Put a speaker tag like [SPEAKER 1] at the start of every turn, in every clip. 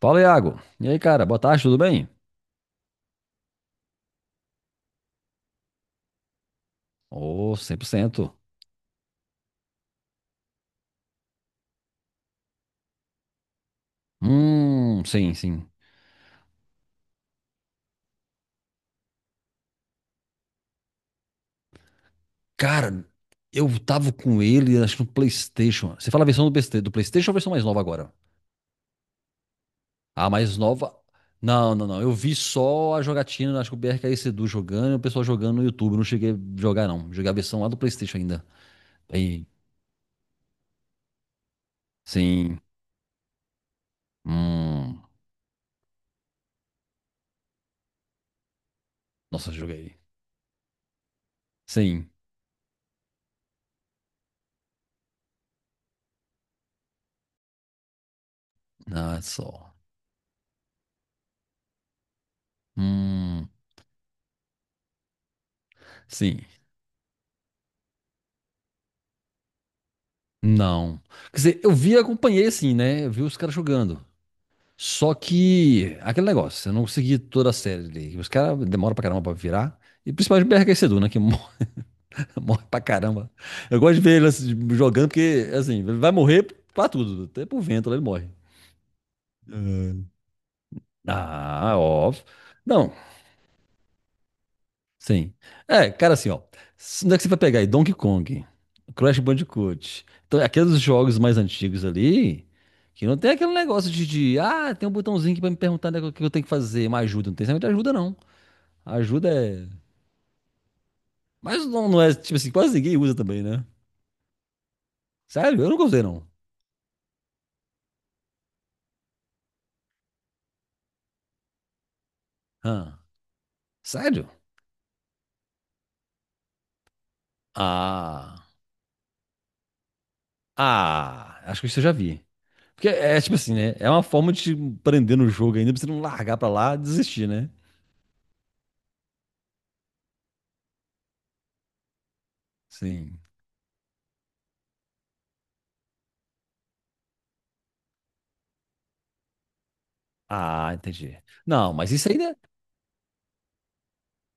[SPEAKER 1] Fala, Iago. E aí, cara? Boa tarde, tudo bem? Ô, 100%. Sim, sim. Cara, eu tava com ele, acho que no PlayStation. Você fala a versão do PlayStation, ou a versão mais nova agora? A mais nova. Não, não, não. Eu vi só a jogatina, acho que o BRKS Sedu jogando e o pessoal jogando no YouTube. Não cheguei a jogar, não. Joguei a versão lá do PlayStation ainda. Aí, sim. Hum. Nossa, joguei. Sim. Ah, só. Hum. Sim. Não. Quer dizer, eu vi, e acompanhei assim, né? Eu vi os caras jogando. Só que, aquele negócio, eu não consegui toda a série ali. Os caras demoram pra caramba pra virar. E principalmente o BRK Sedu, né? Que morre, morre pra caramba. Eu gosto de ver ele assim, jogando, porque, assim, ele vai morrer pra tudo. Até pro vento, ele morre. Ah, óbvio. Não, sim. É, cara, assim, ó. Onde é que você vai pegar aí? Donkey Kong, Crash Bandicoot. Então, aqueles jogos mais antigos ali, que não tem aquele negócio de, tem um botãozinho aqui pra me perguntar, né, o que eu tenho que fazer, uma ajuda. Não tem realmente ajuda, não. Ajuda é. Mas não, não é, tipo assim, quase ninguém usa também, né? Sério? Eu não gostei, não. Ah, sério? Ah. Ah, acho que isso eu já vi. Porque é tipo assim, né? É uma forma de te prender no jogo ainda, pra você não largar pra lá e desistir, né? Sim. Ah, entendi. Não, mas isso ainda.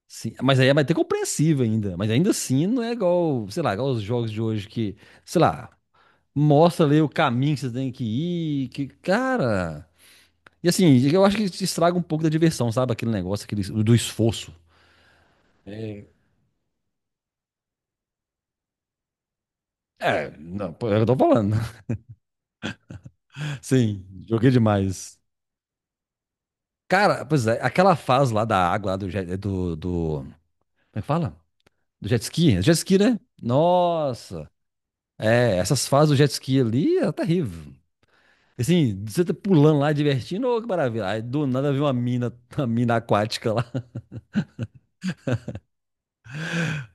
[SPEAKER 1] Sim, mas aí é até compreensível ainda. Mas ainda assim não é igual, sei lá, igual os jogos de hoje que, sei lá, mostra ali o caminho que você tem que ir. Que, cara. E assim, eu acho que isso estraga um pouco da diversão, sabe? Aquele negócio, aquele, do esforço. É, é, não, pô, eu tô falando. Sim, joguei demais. Cara, pois é, aquela fase lá da água, lá do. Como é que fala? Do jet ski? É jet ski, né? Nossa! É, essas fases do jet ski ali é terrível. Assim, você tá pulando lá, divertindo, ô, que maravilha. Aí do nada vem uma mina aquática lá.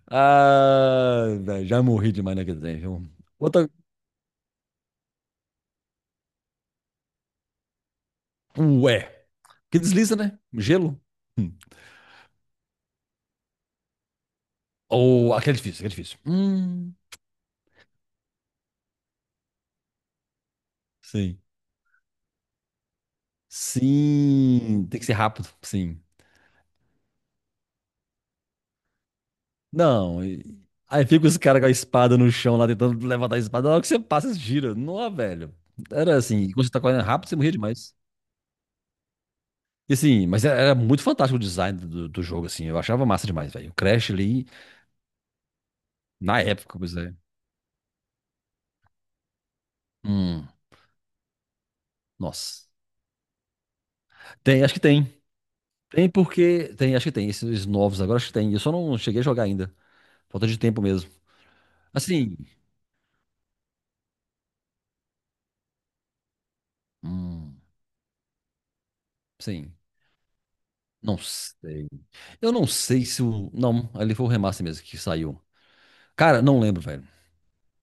[SPEAKER 1] Ah, velho, já morri demais naquele trem, viu? Outra, ué, que desliza, né? Gelo. Ou, aquele é difícil, aquele é difícil. Sim. Sim, tem que ser rápido, sim. Não, aí fica os caras com a espada no chão lá, tentando levantar a espada. Na hora que você passa, gira. Não, velho. Era assim, quando você tá correndo rápido, você morria demais. E assim, mas era muito fantástico o design do jogo, assim. Eu achava massa demais, velho. O Crash ali, na época, pois é. Hum, nossa. Tem, acho que tem. Tem porque. Tem, acho que tem. Esses novos agora, acho que tem. Eu só não cheguei a jogar ainda. Falta de tempo mesmo. Assim. Hum, sim. Não sei. Eu não sei se o. Não, ali foi o remaster mesmo que saiu. Cara, não lembro, velho.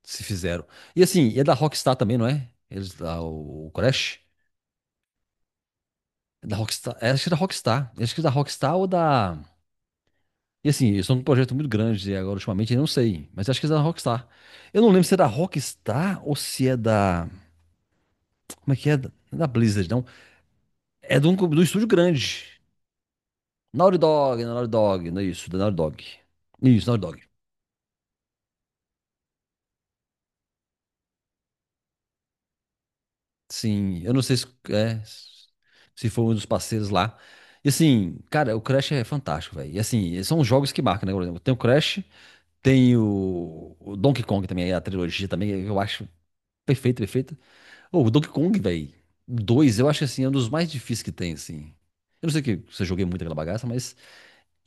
[SPEAKER 1] Se fizeram. E assim, e é da Rockstar também, não é? Eles, ah, o Crash? É da Rockstar. É, acho que é da Rockstar. Acho que é da Rockstar ou da. E assim, eles são um projeto muito grande e agora ultimamente, eu não sei, mas acho que é da Rockstar. Eu não lembro se é da Rockstar ou se é da. Como é que é? Não é da Blizzard, não. É de um estúdio grande. Naughty Dog, é Naughty Dog, não é isso, da Naughty Dog. Isso, Naughty Dog. Sim, eu não sei se, se foi um dos parceiros lá. E assim, cara, o Crash é fantástico, velho. E assim, são os jogos que marcam, né? Por exemplo, tem o Crash, tem o Donkey Kong também, a trilogia também, eu acho. Perfeito, perfeito. Ô, o Donkey Kong, velho. Dois, eu acho que assim, é um dos mais difíceis que tem, assim. Eu não sei que você joguei muito aquela bagaça, mas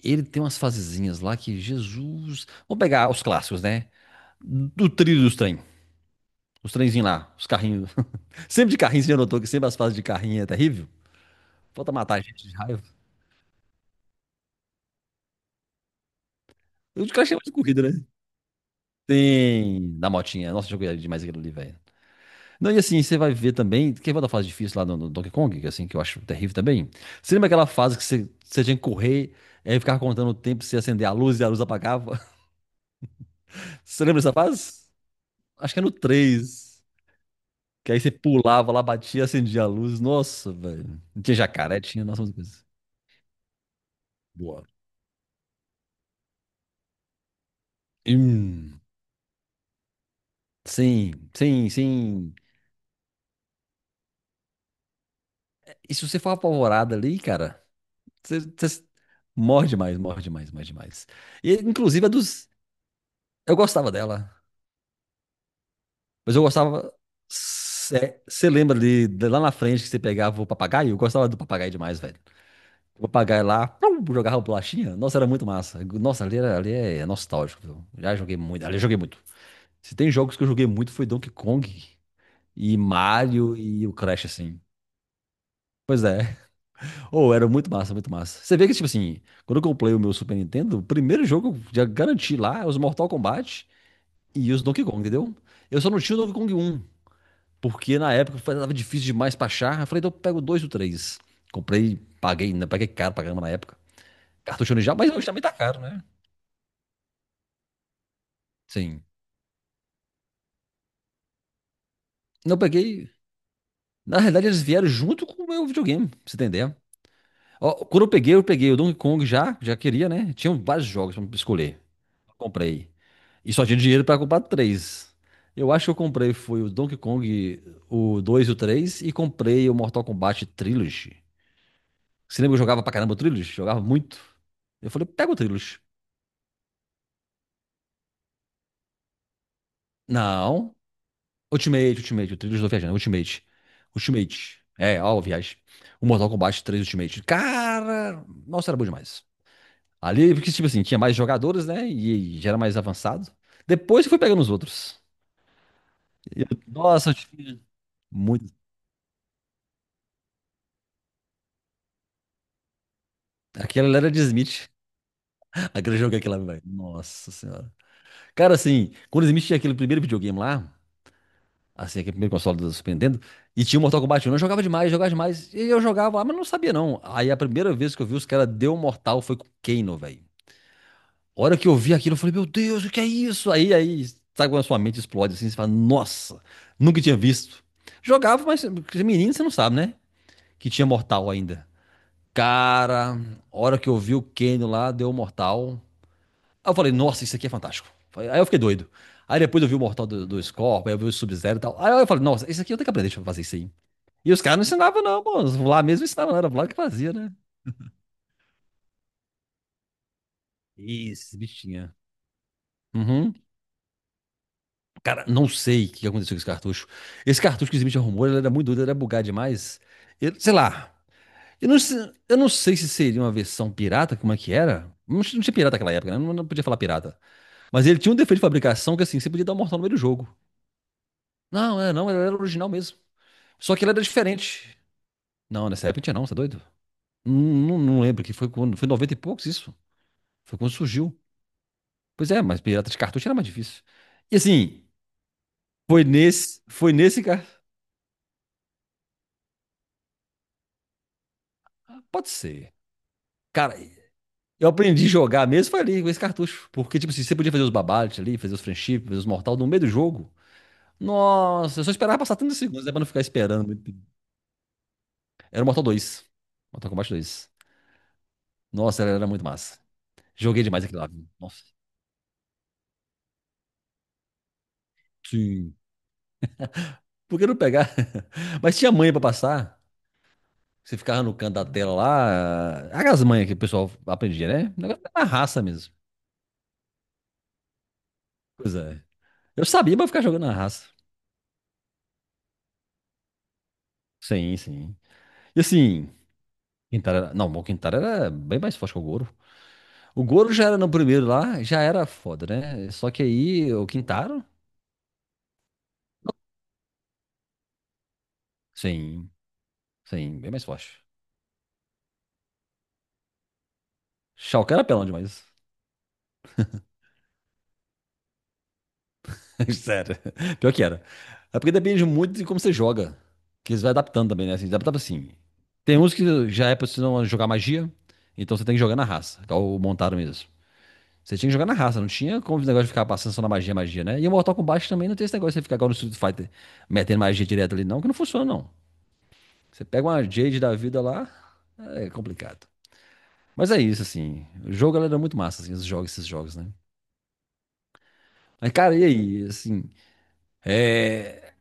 [SPEAKER 1] ele tem umas fasezinhas lá que, Jesus. Vamos pegar os clássicos, né? Do trilho dos trem. Os trenzinhos lá, os carrinhos. Sempre de carrinho, você já notou que sempre as fases de carrinho é terrível? Falta matar a gente de raiva. Eu acho que achei mais corrida, né? Tem. Da motinha. Nossa, eu joguei demais aquilo ali, velho. Não, e assim, você vai ver também. Quem vai da fase difícil lá no Donkey Kong, que assim, que eu acho terrível também. Você lembra aquela fase que você tinha que correr, e aí ficava contando o tempo, você acender a luz e a luz apagava? Você lembra dessa fase? Acho que é no três. Que aí você pulava lá, batia, acendia a luz. Nossa, velho. Tinha jacaré, tinha, nossa, umas coisas. Boa. Hum, sim, sim, sim. E se você for apavorado ali, cara, você morre demais, morre demais, morre demais. E, inclusive, a dos. Eu gostava dela. Mas eu gostava. Você lembra ali, de lá na frente, que você pegava o papagaio? Eu gostava do papagaio demais, velho. O papagaio lá, plum, jogava bolachinha. Nossa, era muito massa. Nossa, ali, era, ali é nostálgico, viu? Já joguei muito. Ali eu joguei muito. Se tem jogos que eu joguei muito, foi Donkey Kong e Mario e o Crash, assim. Pois é. Ou era muito massa, muito massa. Você vê que, tipo assim, quando eu comprei o meu Super Nintendo, o primeiro jogo que eu já garanti lá é os Mortal Kombat e os Donkey Kong, entendeu? Eu só não tinha o Donkey Kong um. Porque na época tava difícil demais pra achar. Eu falei, então eu pego dois ou três. Comprei, paguei, né? Paguei caro pra caramba na época. Cartucho original, mas hoje também tá caro, né? Sim. Não, eu peguei. Na realidade, eles vieram junto com o meu videogame, pra você entender. Ó, quando eu peguei o Donkey Kong já, já queria, né? Tinham vários jogos pra escolher. Comprei. E só tinha dinheiro pra comprar três. Eu acho que eu comprei foi o Donkey Kong, o 2 e o 3, e comprei o Mortal Kombat Trilogy. Você lembra que eu jogava pra caramba o Trilos? Jogava muito. Eu falei, pega o Trilos. Não. Ultimate, Ultimate. O Trilos do viajando. Ultimate. Ultimate. É, ó, viagem. O Mortal Kombat três Ultimate. Cara, nossa, era bom demais. Ali, porque, tipo assim, tinha mais jogadores, né? E já era mais avançado. Depois eu fui pegando os outros. Nossa, eu tive muito. Aquela era de Smith. Aquele jogo aquela, velho. Nossa senhora. Cara, assim, quando o Smith tinha aquele primeiro videogame lá. Assim, aquele primeiro console do Super Nintendo. E tinha o Mortal Kombat 1. Eu jogava demais, jogava demais. E eu jogava lá, mas não sabia não. Aí a primeira vez que eu vi os caras deu Mortal foi com o Kano, velho. A hora que eu vi aquilo, eu falei, meu Deus, o que é isso? Aí, sabe quando a sua mente explode assim? Você fala, nossa, nunca tinha visto. Jogava, mas porque menino você não sabe, né? Que tinha Mortal ainda. Cara, a hora que eu vi o Kano lá, deu Mortal. Aí eu falei, nossa, isso aqui é fantástico. Aí eu fiquei doido. Aí depois eu vi o Mortal do Scorpion, aí eu vi o Sub-Zero e tal. Aí eu falei, nossa, isso aqui eu tenho que aprender, deixa eu fazer isso aí. E os caras não ensinavam, não, pô. Lá mesmo ensinavam, não. Era Vlad que fazia, né? Esses bichinha. Uhum. Cara, não sei o que aconteceu com esse cartucho. Esse cartucho que o Smith arrumou, ele era muito doido, ele era bugado demais. Sei lá. Eu não sei se seria uma versão pirata, como é que era. Não, tinha não tinha pirata naquela época, né? Não, não podia falar pirata. Mas ele tinha um defeito de fabricação que, assim, você podia dar um mortal no meio do jogo. Não, é, não, ele era original mesmo. Só que ele era diferente. Não, nessa época não tinha não, você é doido? Não, não, não lembro que foi quando. Foi em 90 e poucos isso. Foi quando surgiu. Pois é, mas pirata de cartucho era mais difícil. E assim, foi nesse, pode ser. Cara, eu aprendi a jogar mesmo foi ali com esse cartucho, porque tipo assim, você podia fazer os babates ali, fazer os friendships, fazer os mortal no meio do jogo. Nossa, eu só esperava passar 30 segundos, né, pra não ficar esperando muito tempo. Era o Mortal dois. Mortal Kombat dois. Nossa, era muito massa. Joguei demais aquilo lá, viu? Nossa. Sim. Por que não pegar? Mas tinha manha pra passar. Você ficava no canto da tela lá. Aquelas manhas que o pessoal aprendia, né? O negócio era na raça mesmo. Pois é. Eu sabia pra ficar jogando na raça. Sim, sim. E assim, Quintara era. Não, o Quintara era bem mais forte que o Goro. O Goro já era no primeiro lá, já era foda, né? Só que aí o Quintaro, sim, sim, bem mais forte. Shao Kahn era pelão demais. Sério. Pior que era. É porque depende muito de como você joga. Que eles vai adaptando também, né? Assim, adaptava assim. Tem uns que já é pra você não jogar magia, então você tem que jogar na raça, igual o Montaro mesmo. Você tinha que jogar na raça, não tinha como o negócio de ficar passando só na magia, magia, né? E o Mortal Kombat também não tem esse negócio de você ficar igual no Street Fighter metendo magia direto ali, não, que não funciona, não. Você pega uma Jade da vida lá, é complicado. Mas é isso, assim. O jogo, galera, é muito massa, assim, os jogos, esses jogos, né? Mas, cara, e aí? Assim, é.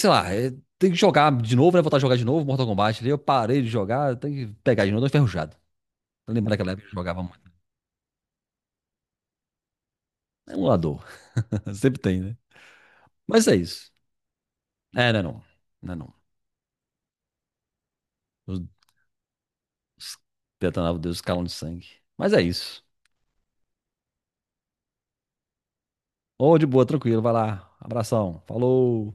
[SPEAKER 1] Sei lá, é. Tem que jogar de novo, né? Voltar a jogar de novo Mortal Kombat ali. Eu parei de jogar, tem que pegar de novo, tô enferrujado. Lembra daquela época que eu jogava muito. É um emulador. Sempre tem, né? Mas é isso. É, não é não. Não é não. Os es- Detonava Deus, escalão de sangue. Mas é isso. Ô, de boa, tranquilo, vai lá. Abração, falou.